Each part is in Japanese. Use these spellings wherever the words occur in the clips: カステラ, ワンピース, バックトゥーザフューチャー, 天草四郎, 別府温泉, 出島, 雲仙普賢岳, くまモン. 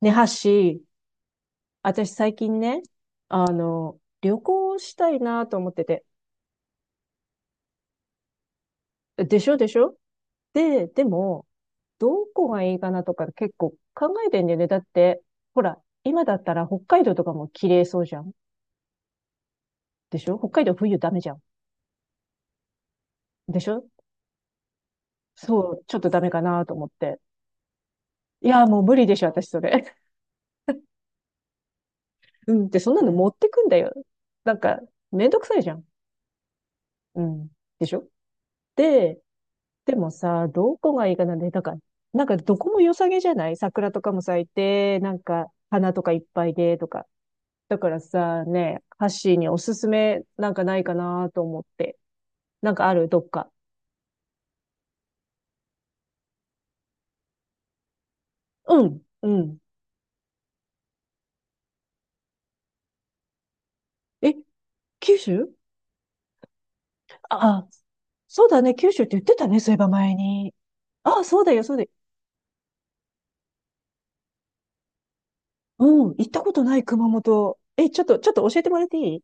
ねはし、私最近ね、旅行したいなと思ってて。でしょでしょ。でも、どこがいいかなとか結構考えてんだよね。だって、ほら、今だったら北海道とかも綺麗そうじゃん。でしょ。北海道冬ダメじゃん。でしょ。そう、ちょっとダメかなと思って。いや、もう無理でしょ、私それ。うんって、そんなの持ってくんだよ。なんか、めんどくさいじゃん。うん。でしょ。で、でもさ、どこがいいかなで、だんら、なんかどこも良さげじゃない？桜とかも咲いて、なんか花とかいっぱいで、とか。だからさ、ね、ハッシーにおすすめなんかないかなと思って。なんかあるどっか？うん、うん。え、九州。あ、そうだね、九州って言ってたね、そういえば前に。あ、そうだよ、そうだよ。うん、行ったことない熊本。え、ちょっと教えてもらっていい？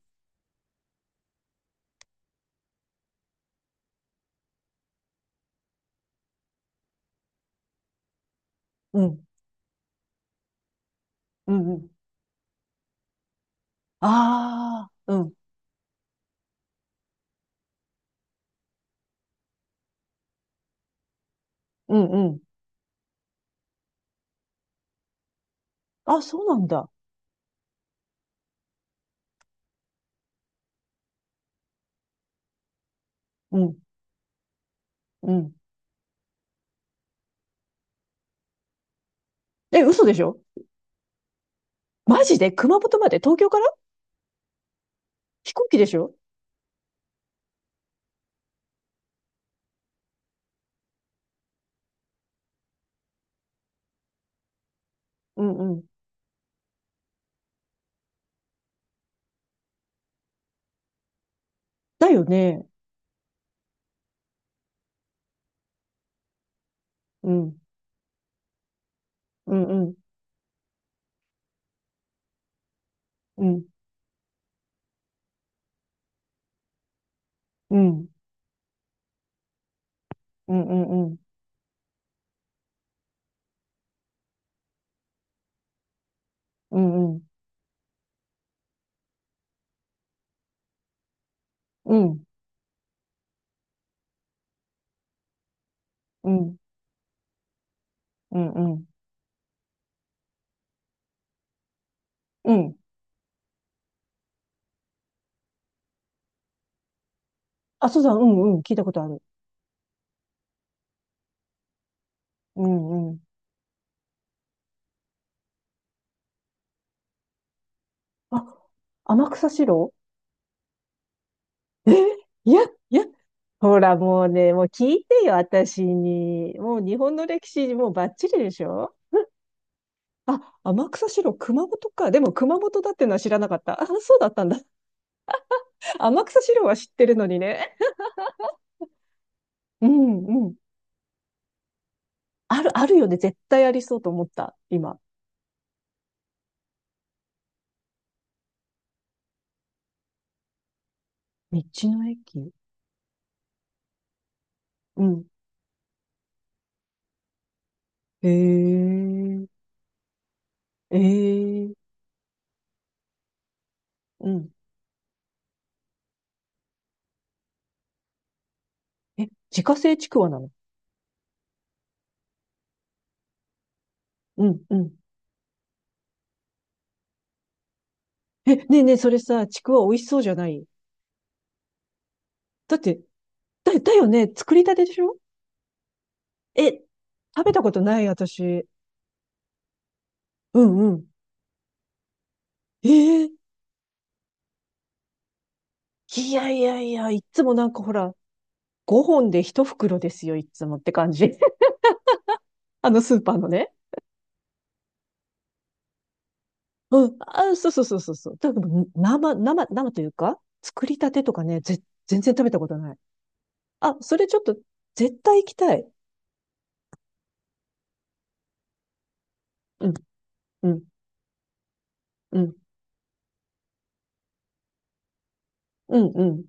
うん、うん、うん。ああ、うん、うん、うん。あ、そうなんだ。うん。うん。え、嘘でしょ？マジで熊本まで東京から飛行機でしょ？うんうん。だよね。うん。うんうん。うん。うん。うんうんうん。うんうん。うん。うんうん。うん。あ、そうだ、うんうん。聞いたことある。うんうん。あ、天草四郎。え、いや、いや、ほらもうね、もう聞いてよ、私に。もう日本の歴史、もうバッチリでしょ？あ、天草四郎、熊本か。でも熊本だってのは知らなかった。あ、そうだったんだ。天草四郎は知ってるのにね。うんうん。ある、あるよね。絶対ありそうと思った、今。道の駅。うん。へえ。ええ。うん。え、自家製ちくわなの？うんうん。え、ねえねえ、それさ、ちくわ美味しそうじゃない？だって、だよね。作りたてでしょ？え、食べたことない、私。うんうん。ええ。いやいやいや、いっつもなんかほら、5本で1袋ですよ、いっつもって感じ。あのスーパーのね。うん。あ、そうそうそうそうそう。多分、生というか、作りたてとかね、全然食べたことない。あ、それちょっと、絶対行きたい。うん、うん、うん、うん、うん、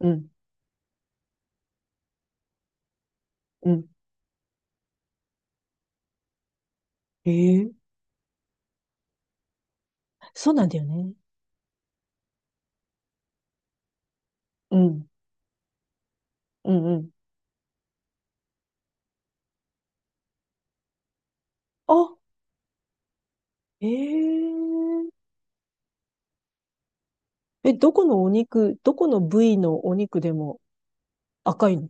うん、うん。ええ、そうなんだよね。うん、うん、うん。あ、えええ、どこのお肉、どこの部位のお肉でも赤いの？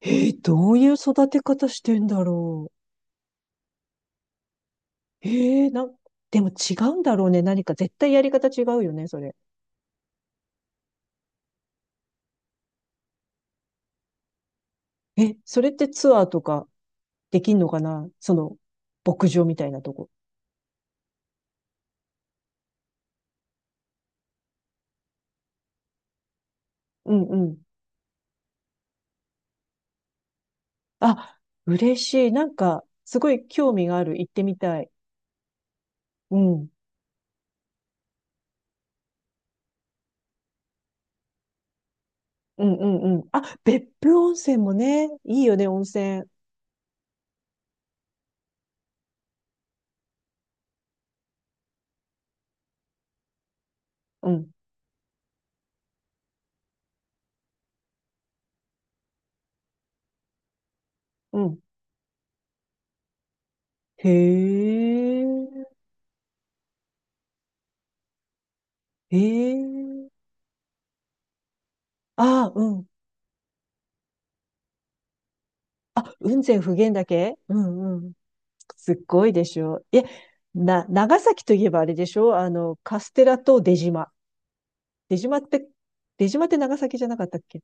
ええ、どういう育て方してんだろう？ええ、でも違うんだろうね。何か絶対やり方違うよね、それ。え、それってツアーとかできんのかな、牧場みたいなとこ。うんうん。あ、嬉しい。なんか、すごい興味がある。行ってみたい。うん。うんうんうん。あ、別府温泉もね、いいよね、温泉。うん。うん。へえ。へえ。あ、うん。あ、雲仙普賢岳。うんうん。すっごいでしょ。え、長崎といえばあれでしょ？カステラと出島。出島って、出島って長崎じゃなかったっけ？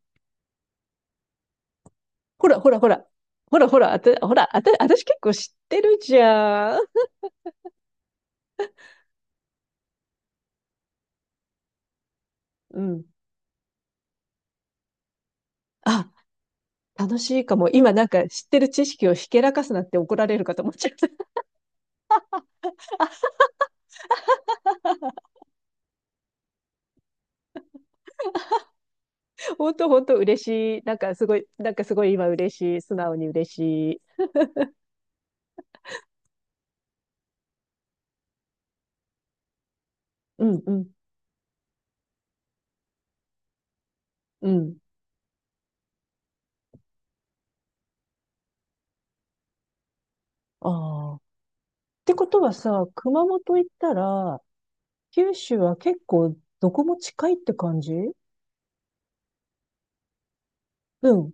ほらほらほら。ほらほら、ほら、私結構知ってるじゃん。うん。あ、楽しいかも。今なんか知ってる知識をひけらかすなって怒られるかと思っちゃった。本当本当嬉しい。なんかすごい、なんかすごい今嬉しい。素直に嬉しい。うんうん、うん。ああ。ってことはさ、熊本行ったら、九州は結構どこも近いって感じ？うん。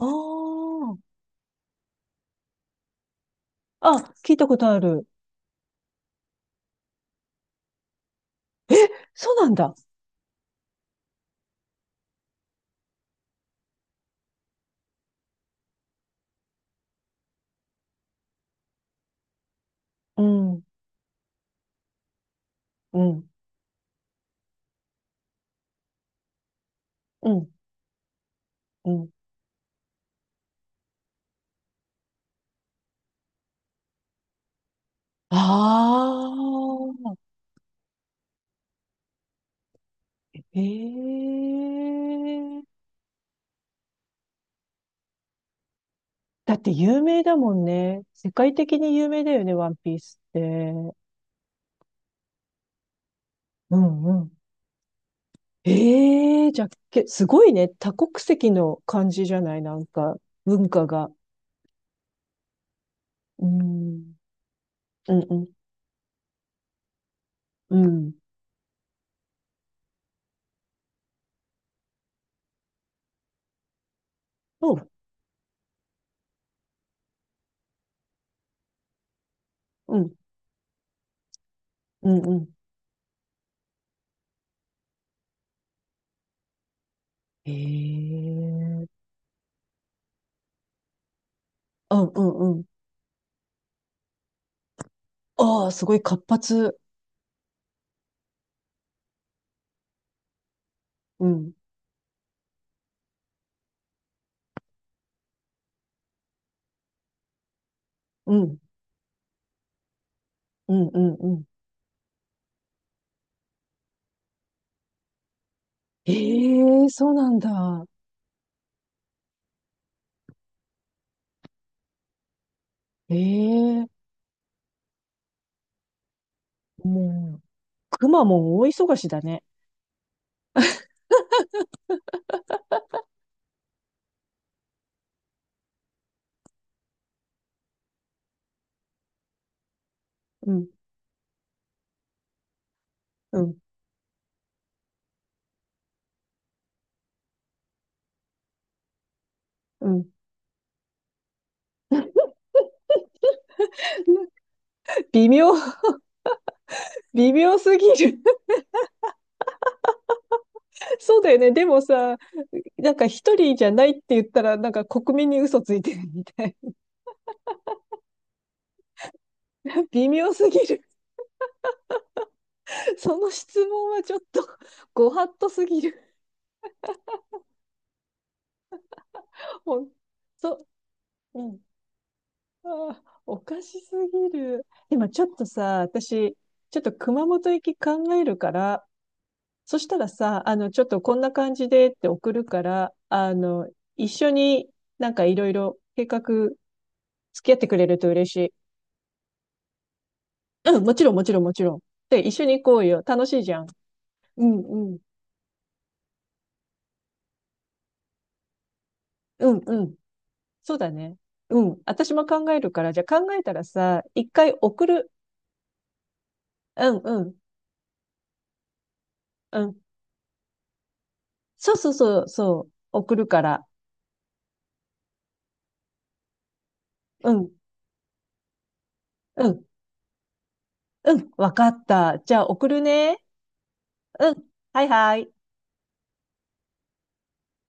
ああ。あ、聞いたことある。え、そうなんだ。うん、うん、うん、うん。ああ、ええ、だって有名だもんね。世界的に有名だよね、ワンピースって。うんうん。ええ、じゃあ、すごいね。多国籍の感じじゃない？なんか、文化が。うん。うんうん。うん。そう、うん。うんうん。ええ、うんうんうん。ああ、すごい活発。うん。うん。うんうんうん。ええ、そうなんだ。ええ、もうくまモン大忙しだね。うん、うん、うん。微妙、微妙すぎる。そうだよね。でもさ、なんか一人じゃないって言ったら、なんか国民に嘘ついてるみたいな。微妙すぎる。その質問はちょっと、ご法度すぎる。ほんと、うん。あー、おかしすぎる。今ちょっとさ、私、ちょっと熊本行き考えるから、そしたらさ、ちょっとこんな感じでって送るから、一緒になんかいろいろ計画付き合ってくれると嬉しい。うん、もちろんもちろんもちろん。で、一緒に行こうよ。楽しいじゃん。うんうん。うんうん。そうだね。うん。私も考えるから、じゃあ考えたらさ、一回送る。うんうん。うん。そうそうそうそう。送るから。うん。うん。うん。わかった。じゃあ送るね。うん。はいはい。